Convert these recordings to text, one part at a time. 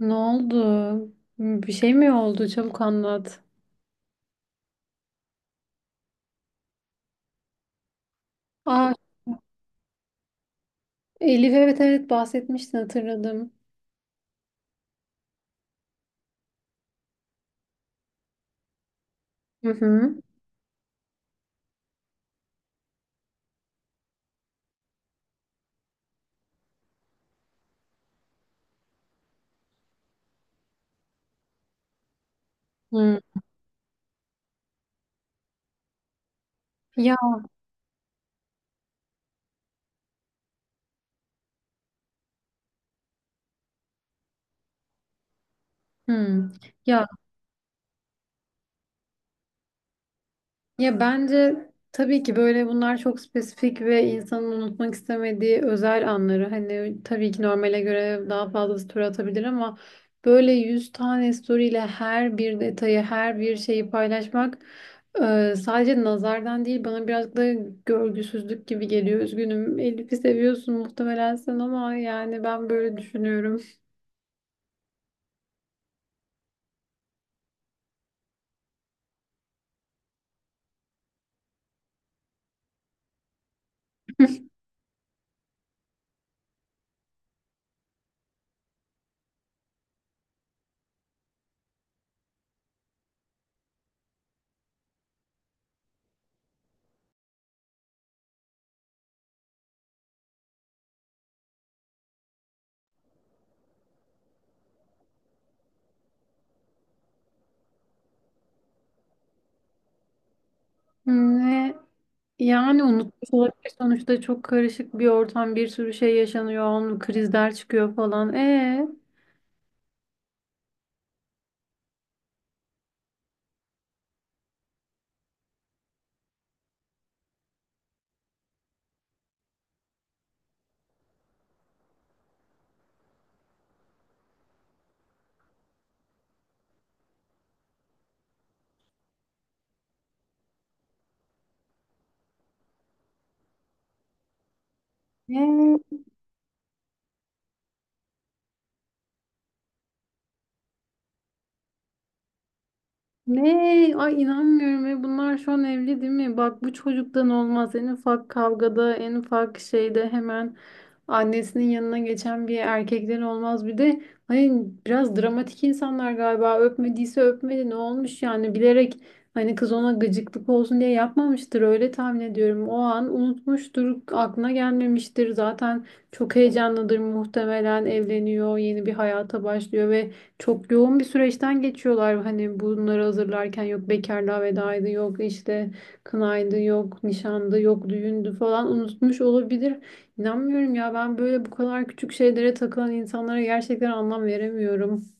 Ne oldu? Bir şey mi oldu? Çabuk anlat. Aa, Elif evet evet bahsetmiştin hatırladım. Hı hı. Hı. Ya, hı. Ya Ya bence tabii ki böyle bunlar çok spesifik ve insanın unutmak istemediği özel anları. Hani tabii ki normale göre daha fazlası tur atabilir ama böyle 100 tane story'le her bir detayı, her bir şeyi paylaşmak sadece nazardan değil bana biraz da görgüsüzlük gibi geliyor. Üzgünüm. Elif'i seviyorsun muhtemelen sen ama yani ben böyle düşünüyorum. Ne? Yani unutmuş olabilir sonuçta çok karışık bir ortam, bir sürü şey yaşanıyor, onun krizler çıkıyor falan. Ee, Ne? Ay inanmıyorum. E bunlar şu an evli değil mi? Bak, bu çocuktan olmaz. En ufak kavgada, en ufak şeyde hemen annesinin yanına geçen bir erkekten olmaz. Bir de hani biraz dramatik insanlar galiba. Öpmediyse öpmedi. Ne olmuş yani? Bilerek hani kız ona gıcıklık olsun diye yapmamıştır. Öyle tahmin ediyorum. O an unutmuştur. Aklına gelmemiştir. Zaten çok heyecanlıdır muhtemelen. Evleniyor. Yeni bir hayata başlıyor ve çok yoğun bir süreçten geçiyorlar. Hani bunları hazırlarken yok bekarlığa vedaydı, yok işte kınaydı, yok nişandı, yok düğündü falan, unutmuş olabilir. İnanmıyorum ya, ben böyle bu kadar küçük şeylere takılan insanlara gerçekten anlam veremiyorum.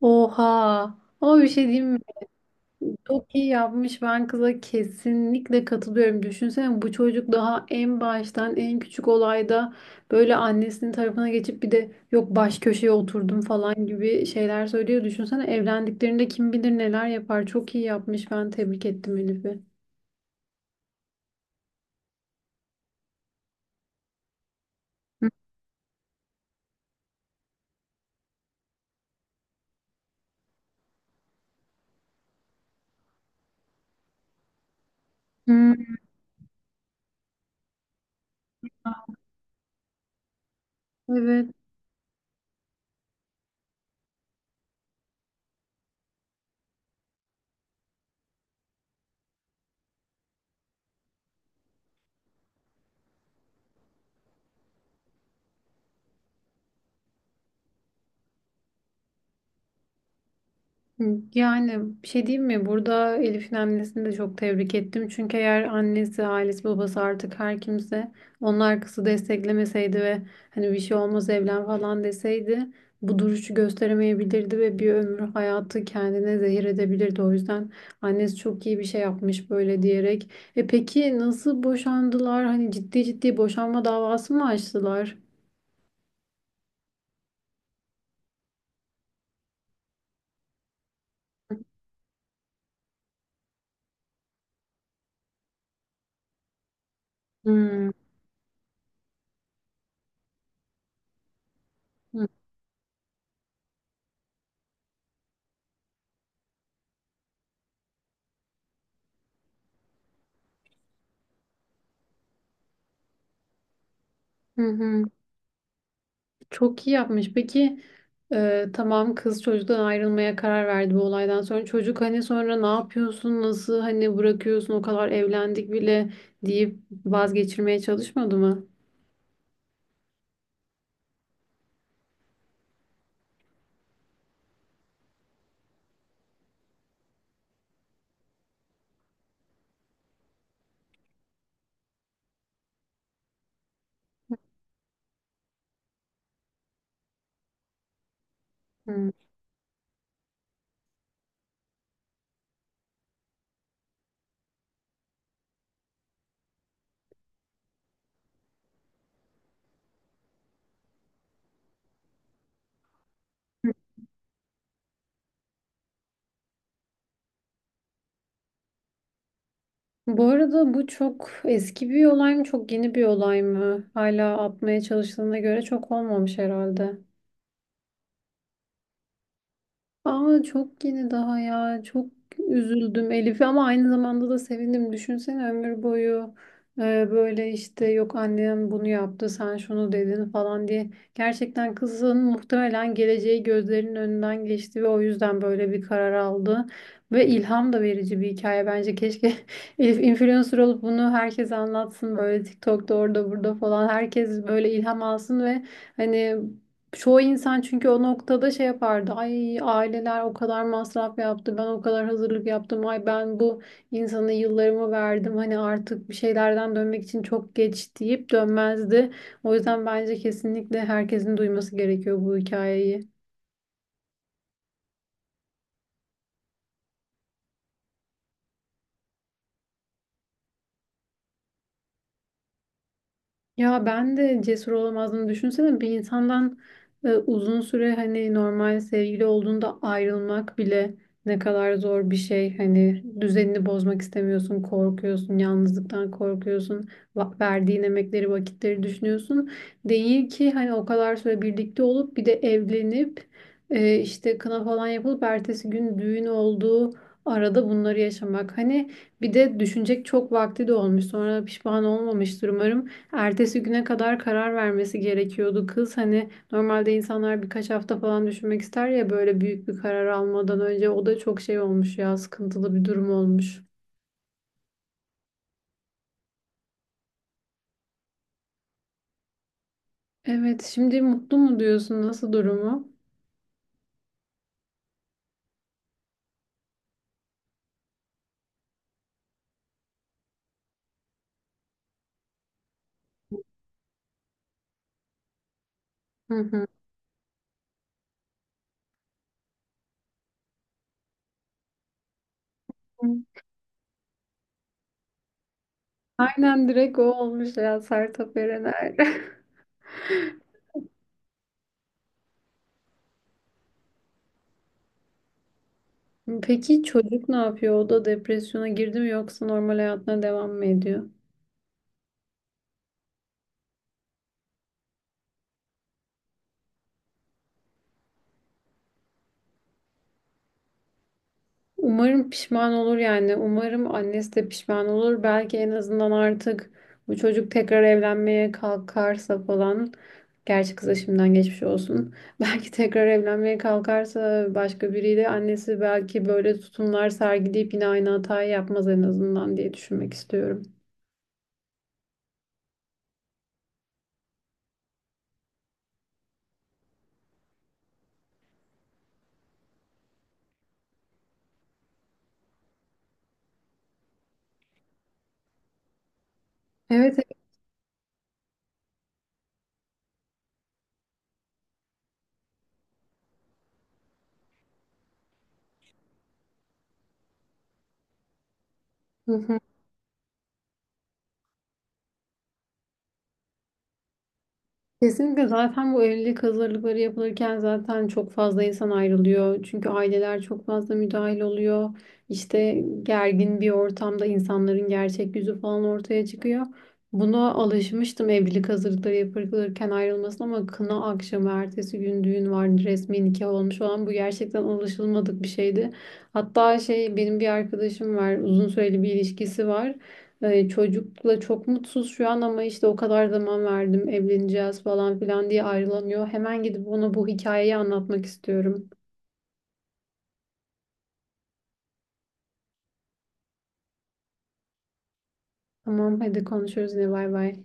Oha. Ama bir şey diyeyim. Çok iyi yapmış. Ben kıza kesinlikle katılıyorum. Düşünsene bu çocuk daha en baştan en küçük olayda böyle annesinin tarafına geçip bir de yok baş köşeye oturdum falan gibi şeyler söylüyor. Düşünsene evlendiklerinde kim bilir neler yapar. Çok iyi yapmış. Ben tebrik ettim Elif'i. Hı. Evet. Yani bir şey diyeyim mi? Burada Elif'in annesini de çok tebrik ettim. Çünkü eğer annesi, ailesi, babası, artık her kimse, onlar kızı desteklemeseydi ve hani bir şey olmaz evlen falan deseydi, bu duruşu gösteremeyebilirdi ve bir ömür hayatı kendine zehir edebilirdi. O yüzden annesi çok iyi bir şey yapmış böyle diyerek. E peki, nasıl boşandılar? Hani ciddi ciddi boşanma davası mı açtılar? Hmm. Hı hı. Çok iyi yapmış. Peki tamam, kız çocuktan ayrılmaya karar verdi bu olaydan sonra. Çocuk hani sonra ne yapıyorsun, nasıl hani bırakıyorsun, o kadar evlendik bile deyip vazgeçirmeye çalışmadı mı? Hmm. Bu arada bu çok eski bir olay mı, çok yeni bir olay mı? Hala atmaya çalıştığına göre çok olmamış herhalde. Ama çok yeni daha ya. Çok üzüldüm Elif'e, ama aynı zamanda da sevindim. Düşünsene ömür boyu böyle işte yok annem bunu yaptı sen şunu dedin falan diye. Gerçekten kızın muhtemelen geleceği gözlerinin önünden geçti ve o yüzden böyle bir karar aldı. Ve ilham da verici bir hikaye bence. Keşke Elif influencer olup bunu herkese anlatsın böyle TikTok'ta, orada burada falan. Herkes böyle ilham alsın ve hani çoğu insan çünkü o noktada şey yapardı. Ay, aileler o kadar masraf yaptı. Ben o kadar hazırlık yaptım. Ay, ben bu insana yıllarımı verdim. Hani artık bir şeylerden dönmek için çok geç deyip dönmezdi. O yüzden bence kesinlikle herkesin duyması gerekiyor bu hikayeyi. Ya ben de cesur olamazdım. Düşünsene bir insandan uzun süre hani normal sevgili olduğunda ayrılmak bile ne kadar zor bir şey. Hani düzenini bozmak istemiyorsun, korkuyorsun, yalnızlıktan korkuyorsun, verdiğin emekleri, vakitleri düşünüyorsun. Değil ki hani o kadar süre birlikte olup bir de evlenip işte kına falan yapılıp ertesi gün düğün olduğu arada bunları yaşamak. Hani bir de düşünecek çok vakti de olmuş. Sonra pişman olmamıştır umarım. Ertesi güne kadar karar vermesi gerekiyordu kız. Hani normalde insanlar birkaç hafta falan düşünmek ister ya böyle büyük bir karar almadan önce. O da çok şey olmuş ya, sıkıntılı bir durum olmuş. Evet, şimdi mutlu mu diyorsun? Nasıl durumu? Hı hı. Aynen, direkt o olmuş ya, Sertab Erener. Peki çocuk ne yapıyor? O da depresyona girdi mi yoksa normal hayatına devam mı ediyor? Umarım pişman olur yani. Umarım annesi de pişman olur. Belki en azından artık bu çocuk tekrar evlenmeye kalkarsa falan. Gerçi kıza şimdiden geçmiş olsun. Belki tekrar evlenmeye kalkarsa başka biriyle, annesi belki böyle tutumlar sergileyip yine aynı hatayı yapmaz en azından diye düşünmek istiyorum. Evet. Evet. Kesinlikle, zaten bu evlilik hazırlıkları yapılırken zaten çok fazla insan ayrılıyor. Çünkü aileler çok fazla müdahil oluyor. İşte gergin bir ortamda insanların gerçek yüzü falan ortaya çıkıyor. Buna alışmıştım, evlilik hazırlıkları yapılırken ayrılmasına, ama kına akşamı ertesi gün düğün vardı, resmi nikah olmuş olan, bu gerçekten alışılmadık bir şeydi. Hatta şey, benim bir arkadaşım var, uzun süreli bir ilişkisi var. Çocukla çok mutsuz şu an, ama işte o kadar zaman verdim evleneceğiz falan filan diye ayrılamıyor. Hemen gidip ona bu hikayeyi anlatmak istiyorum. Tamam, hadi konuşuruz, ne? Bay bay.